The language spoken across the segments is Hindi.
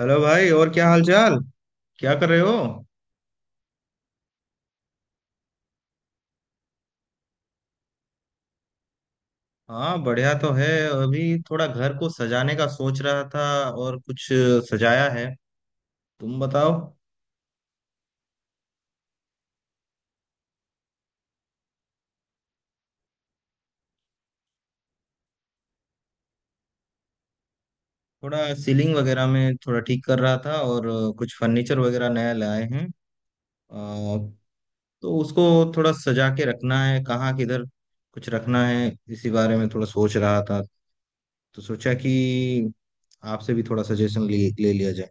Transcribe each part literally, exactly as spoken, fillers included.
हेलो भाई। और क्या हाल चाल? क्या कर रहे हो? हाँ, बढ़िया तो है। अभी थोड़ा घर को सजाने का सोच रहा था। और कुछ सजाया है। तुम बताओ। थोड़ा सीलिंग वगैरह में थोड़ा ठीक कर रहा था, और कुछ फर्नीचर वगैरह नया लाए हैं। अ, तो उसको थोड़ा सजा के रखना है। कहाँ किधर कुछ रखना है, इसी बारे में थोड़ा सोच रहा था। तो सोचा कि आपसे भी थोड़ा सजेशन ले ले लिया जाए।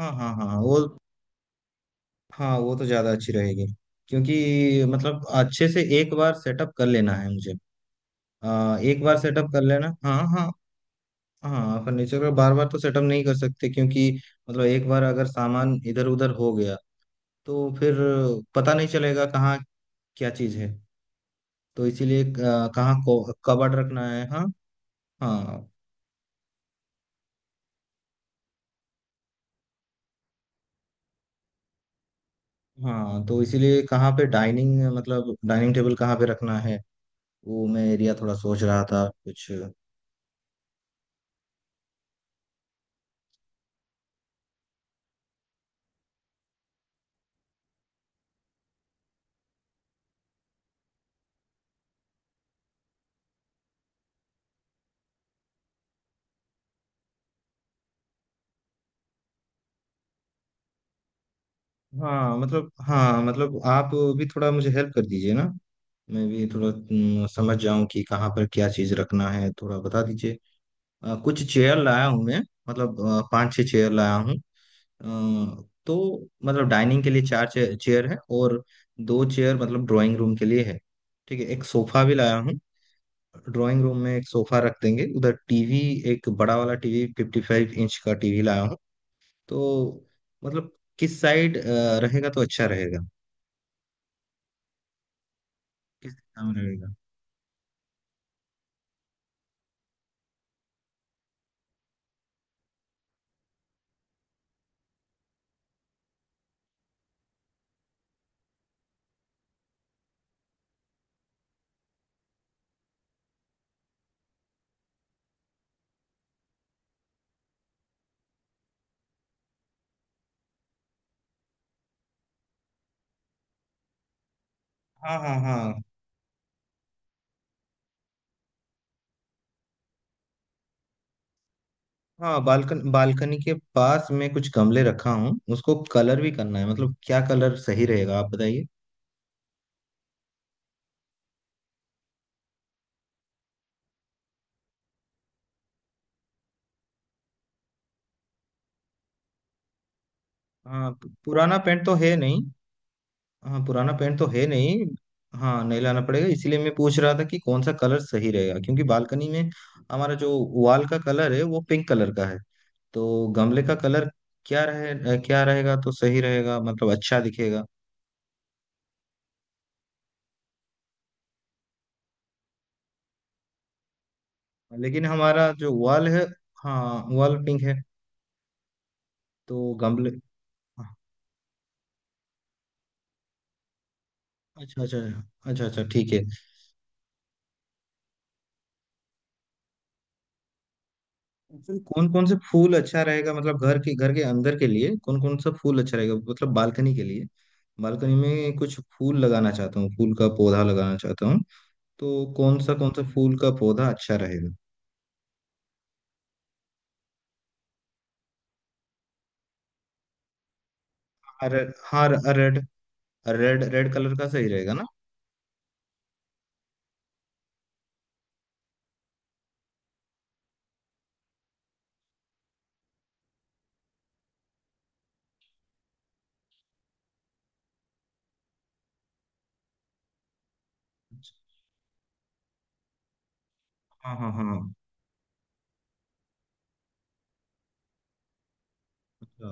हाँ, हाँ, हाँ, हाँ, वो हाँ, वो तो ज्यादा अच्छी रहेगी। क्योंकि मतलब अच्छे से एक बार सेटअप कर लेना है मुझे। आ, एक बार सेटअप कर लेना। हाँ, हाँ। हाँ, फर्नीचर का बार बार तो सेटअप नहीं कर सकते, क्योंकि मतलब एक बार अगर सामान इधर उधर हो गया, तो फिर पता नहीं चलेगा कहाँ क्या चीज है। तो इसीलिए आ, कहाँ को कबर्ड रखना है। हाँ, हाँ, हाँ। तो इसीलिए कहाँ पे डाइनिंग, मतलब डाइनिंग टेबल कहाँ पे रखना है, वो मैं एरिया थोड़ा सोच रहा था कुछ। हाँ मतलब हाँ मतलब आप भी थोड़ा मुझे हेल्प कर दीजिए ना। मैं भी थोड़ा हम्म, समझ जाऊं कि कहाँ पर क्या चीज़ रखना है, थोड़ा बता दीजिए। अ, कुछ चेयर लाया हूँ मैं। मतलब अ, पांच छह चेयर लाया हूँ। अ, तो मतलब डाइनिंग के लिए चार चे, चेयर है, और दो चेयर मतलब ड्राइंग रूम के लिए है। ठीक है, एक सोफा भी लाया हूँ। ड्राइंग रूम में एक सोफा रख देंगे, उधर टीवी, एक बड़ा वाला टीवी, फिफ्टी फाइव इंच का टीवी लाया हूँ। तो मतलब किस साइड रहेगा तो अच्छा रहेगा? किस दिशा में रहेगा? हाँ, हाँ, हाँ, हाँ, बालकन बालकनी के पास मैं कुछ गमले रखा हूँ, उसको कलर भी करना है, मतलब क्या कलर सही रहेगा, आप बताइए। हाँ, पु- पुराना पेंट तो है नहीं। हाँ, पुराना पेंट तो है नहीं। हाँ, नहीं लाना पड़ेगा, इसीलिए मैं पूछ रहा था कि कौन सा कलर सही रहेगा, क्योंकि बालकनी में हमारा जो वॉल का कलर है, वो पिंक कलर का है। तो गमले का कलर क्या रहे क्या रहेगा तो सही रहेगा, मतलब अच्छा दिखेगा? लेकिन हमारा जो वॉल है, हाँ, वॉल पिंक है। तो गमले? अच्छा, अच्छा। अच्छा, अच्छा, ठीक है। फिर कौन कौन से फूल अच्छा रहेगा, मतलब घर के घर के अंदर के लिए कौन कौन सा फूल अच्छा रहेगा, मतलब बालकनी के लिए? बालकनी में कुछ फूल लगाना चाहता हूँ, फूल का पौधा लगाना चाहता हूँ। तो कौन सा कौन सा फूल का पौधा अच्छा रहेगा? हाँ, रे- हाँ, रेड, रेड रेड कलर का सही रहेगा ना? अच्छा, हाँ, हाँ, हाँ। अच्छा,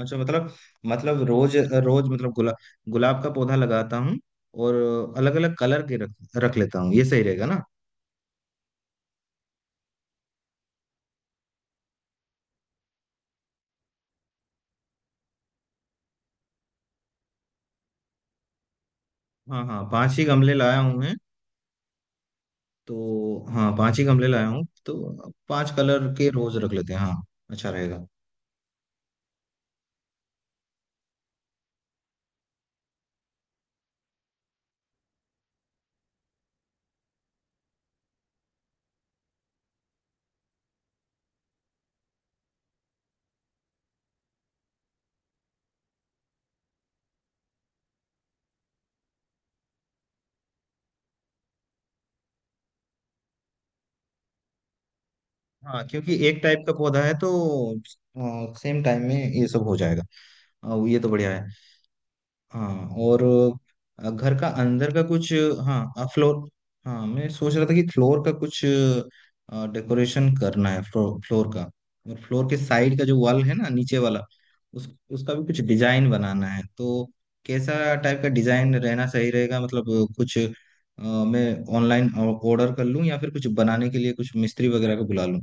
अच्छा। मतलब, मतलब रोज, रोज, मतलब गुलाब, गुलाब का पौधा लगाता हूँ। और अलग अलग कलर के रख रख लेता हूँ, ये सही रहेगा ना? हाँ, हाँ, पांच ही गमले लाया हूँ मैं। तो हाँ, पांच ही गमले लाया हूँ, तो पांच कलर के रोज रख लेते हैं, हाँ। अच्छा रहेगा। हाँ, क्योंकि एक टाइप का पौधा है, तो सेम टाइम में ये सब हो जाएगा। आ, ये तो बढ़िया है। हाँ, और अ, घर का अंदर का कुछ, अ, हाँ, अ, फ्लोर। हाँ, मैं सोच रहा था कि फ्लोर का कुछ अ, डेकोरेशन करना है, फ्लो, फ्लोर का। और फ्लोर के साइड का जो वॉल है ना नीचे वाला, उस उसका भी कुछ डिजाइन बनाना है। तो कैसा टाइप का डिजाइन रहना सही रहेगा, मतलब अ, कुछ, अ, मैं ऑनलाइन ऑर्डर कर लूँ, या फिर कुछ बनाने के लिए कुछ मिस्त्री वगैरह को बुला लूँ?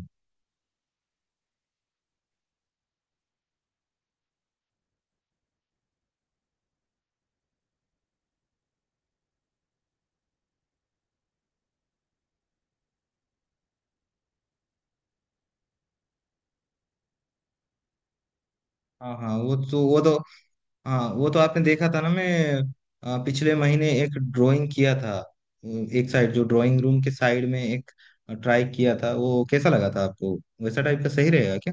हाँ, हाँ, वो तो वो तो हाँ, वो तो आपने देखा था ना। मैं आ, पिछले महीने एक ड्राइंग किया था। उम, एक साइड जो ड्राइंग रूम के साइड में, एक ट्राई किया था, वो कैसा लगा था आपको? वैसा टाइप का सही रहेगा क्या?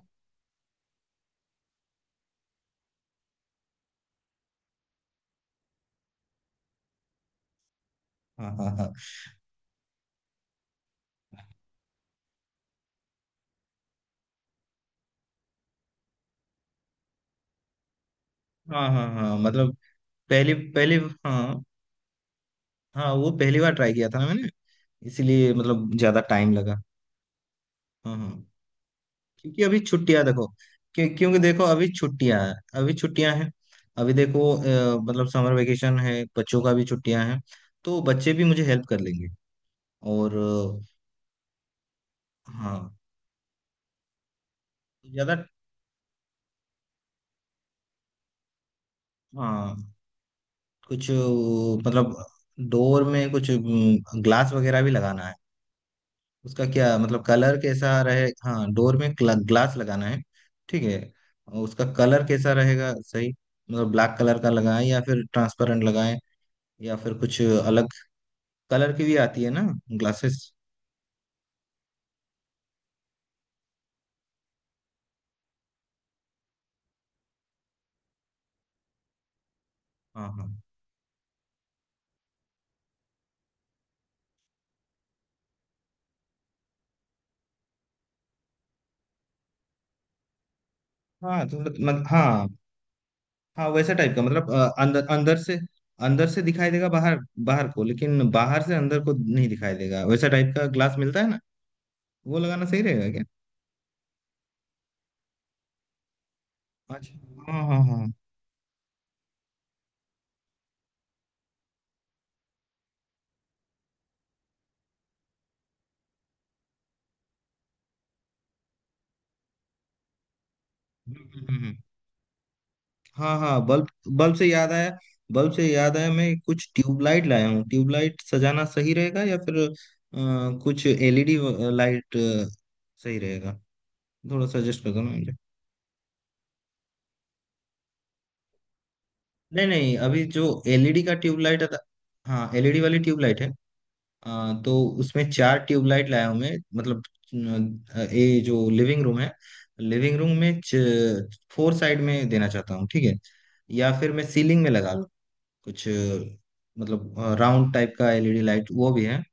हाँ, हाँ, हाँ, हाँ, हाँ, हाँ, मतलब पहली पहली हाँ, हाँ, वो पहली बार ट्राई किया था ना मैंने, इसीलिए मतलब ज्यादा टाइम लगा। हाँ, हाँ। क्योंकि अभी छुट्टियां, देखो, क्यों क्योंकि देखो, अभी छुट्टियां हैं। अभी छुट्टियां हैं। अभी देखो अ, मतलब समर वेकेशन है, बच्चों का भी छुट्टियां हैं। तो बच्चे भी मुझे हेल्प कर लेंगे। और अ, हाँ, ज्यादा। हाँ, कुछ, अ, मतलब डोर में कुछ ग्लास वगैरह भी लगाना है। उसका क्या, मतलब कलर कैसा रहे, हाँ, डोर में ग्लास लगाना है। ठीक है, और उसका कलर कैसा रहेगा सही, मतलब ब्लैक कलर का लगाएं या फिर ट्रांसपेरेंट लगाएं, या फिर कुछ अलग कलर की भी आती है ना ग्लासेस? हाँ, हाँ, हाँ, तो मत, मत, हाँ, हाँ, वैसा टाइप का, मतलब अ, अंदर अंदर से अंदर से दिखाई देगा बाहर बाहर को, लेकिन बाहर से अंदर को नहीं दिखाई देगा, वैसा टाइप का ग्लास मिलता है ना? वो लगाना सही रहेगा क्या? अच्छा, हाँ, हाँ, हाँ। हम्म। हम्म। हम्म। हाँ, हाँ, बल्ब बल्ब से याद आया, बल्ब से याद आया, मैं कुछ ट्यूबलाइट लाया हूँ, ट्यूबलाइट सजाना सही रहेगा या फिर अ, कुछ एलईडी लाइट सही रहेगा? थोड़ा सजेस्ट कर दो ना मुझे। नहीं, नहीं, अभी जो एलईडी का ट्यूबलाइट आता, हाँ, एलईडी वाली ट्यूबलाइट है। हाँ, तो उसमें चार ट्यूबलाइट लाया हूं मैं। मतलब अ, ये जो लिविंग रूम है, लिविंग रूम में च- फोर साइड में देना चाहता हूँ, ठीक है? या फिर मैं सीलिंग में लगा लूँ? कुछ अ, मतलब राउंड टाइप का एलईडी लाइट, वो भी है।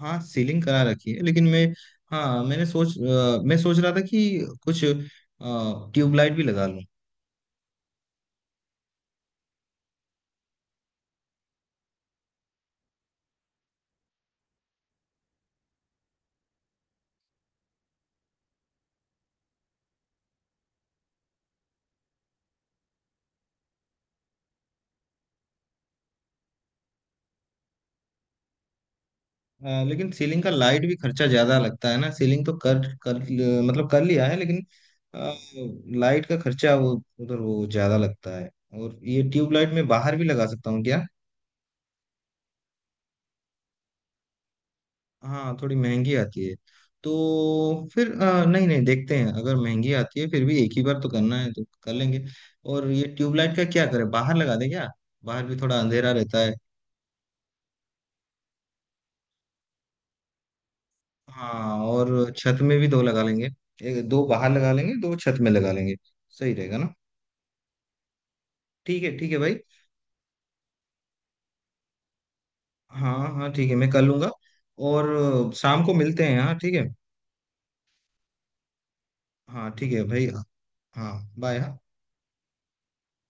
हाँ, सीलिंग करा रखी है, लेकिन मैं, हाँ, मैंने सोच अ, मैं सोच रहा था कि कुछ ट्यूबलाइट भी लगा लूँ। आ, लेकिन सीलिंग का लाइट भी खर्चा ज्यादा लगता है ना, सीलिंग तो कर कर मतलब कर लिया है, लेकिन आ, लाइट का खर्चा, वो उधर वो ज्यादा लगता है। और ये ट्यूब लाइट मैं बाहर भी लगा सकता हूँ क्या? हाँ, थोड़ी महंगी आती है। तो फिर आ, नहीं, नहीं, देखते हैं, अगर महंगी आती है फिर भी, एक ही बार तो करना है, तो कर लेंगे। और ये ट्यूब लाइट का क्या करें, बाहर लगा दें क्या? बाहर भी थोड़ा अंधेरा रहता है। हाँ, और छत में भी दो लगा लेंगे। एक दो बाहर लगा लेंगे, दो छत में लगा लेंगे, सही रहेगा ना? ठीक है, ठीक है भाई। हाँ, हाँ, ठीक है, मैं कर लूंगा। और अ, शाम को मिलते हैं, हाँ, ठीक है। हाँ, ठीक है भाई। हाँ, बाय।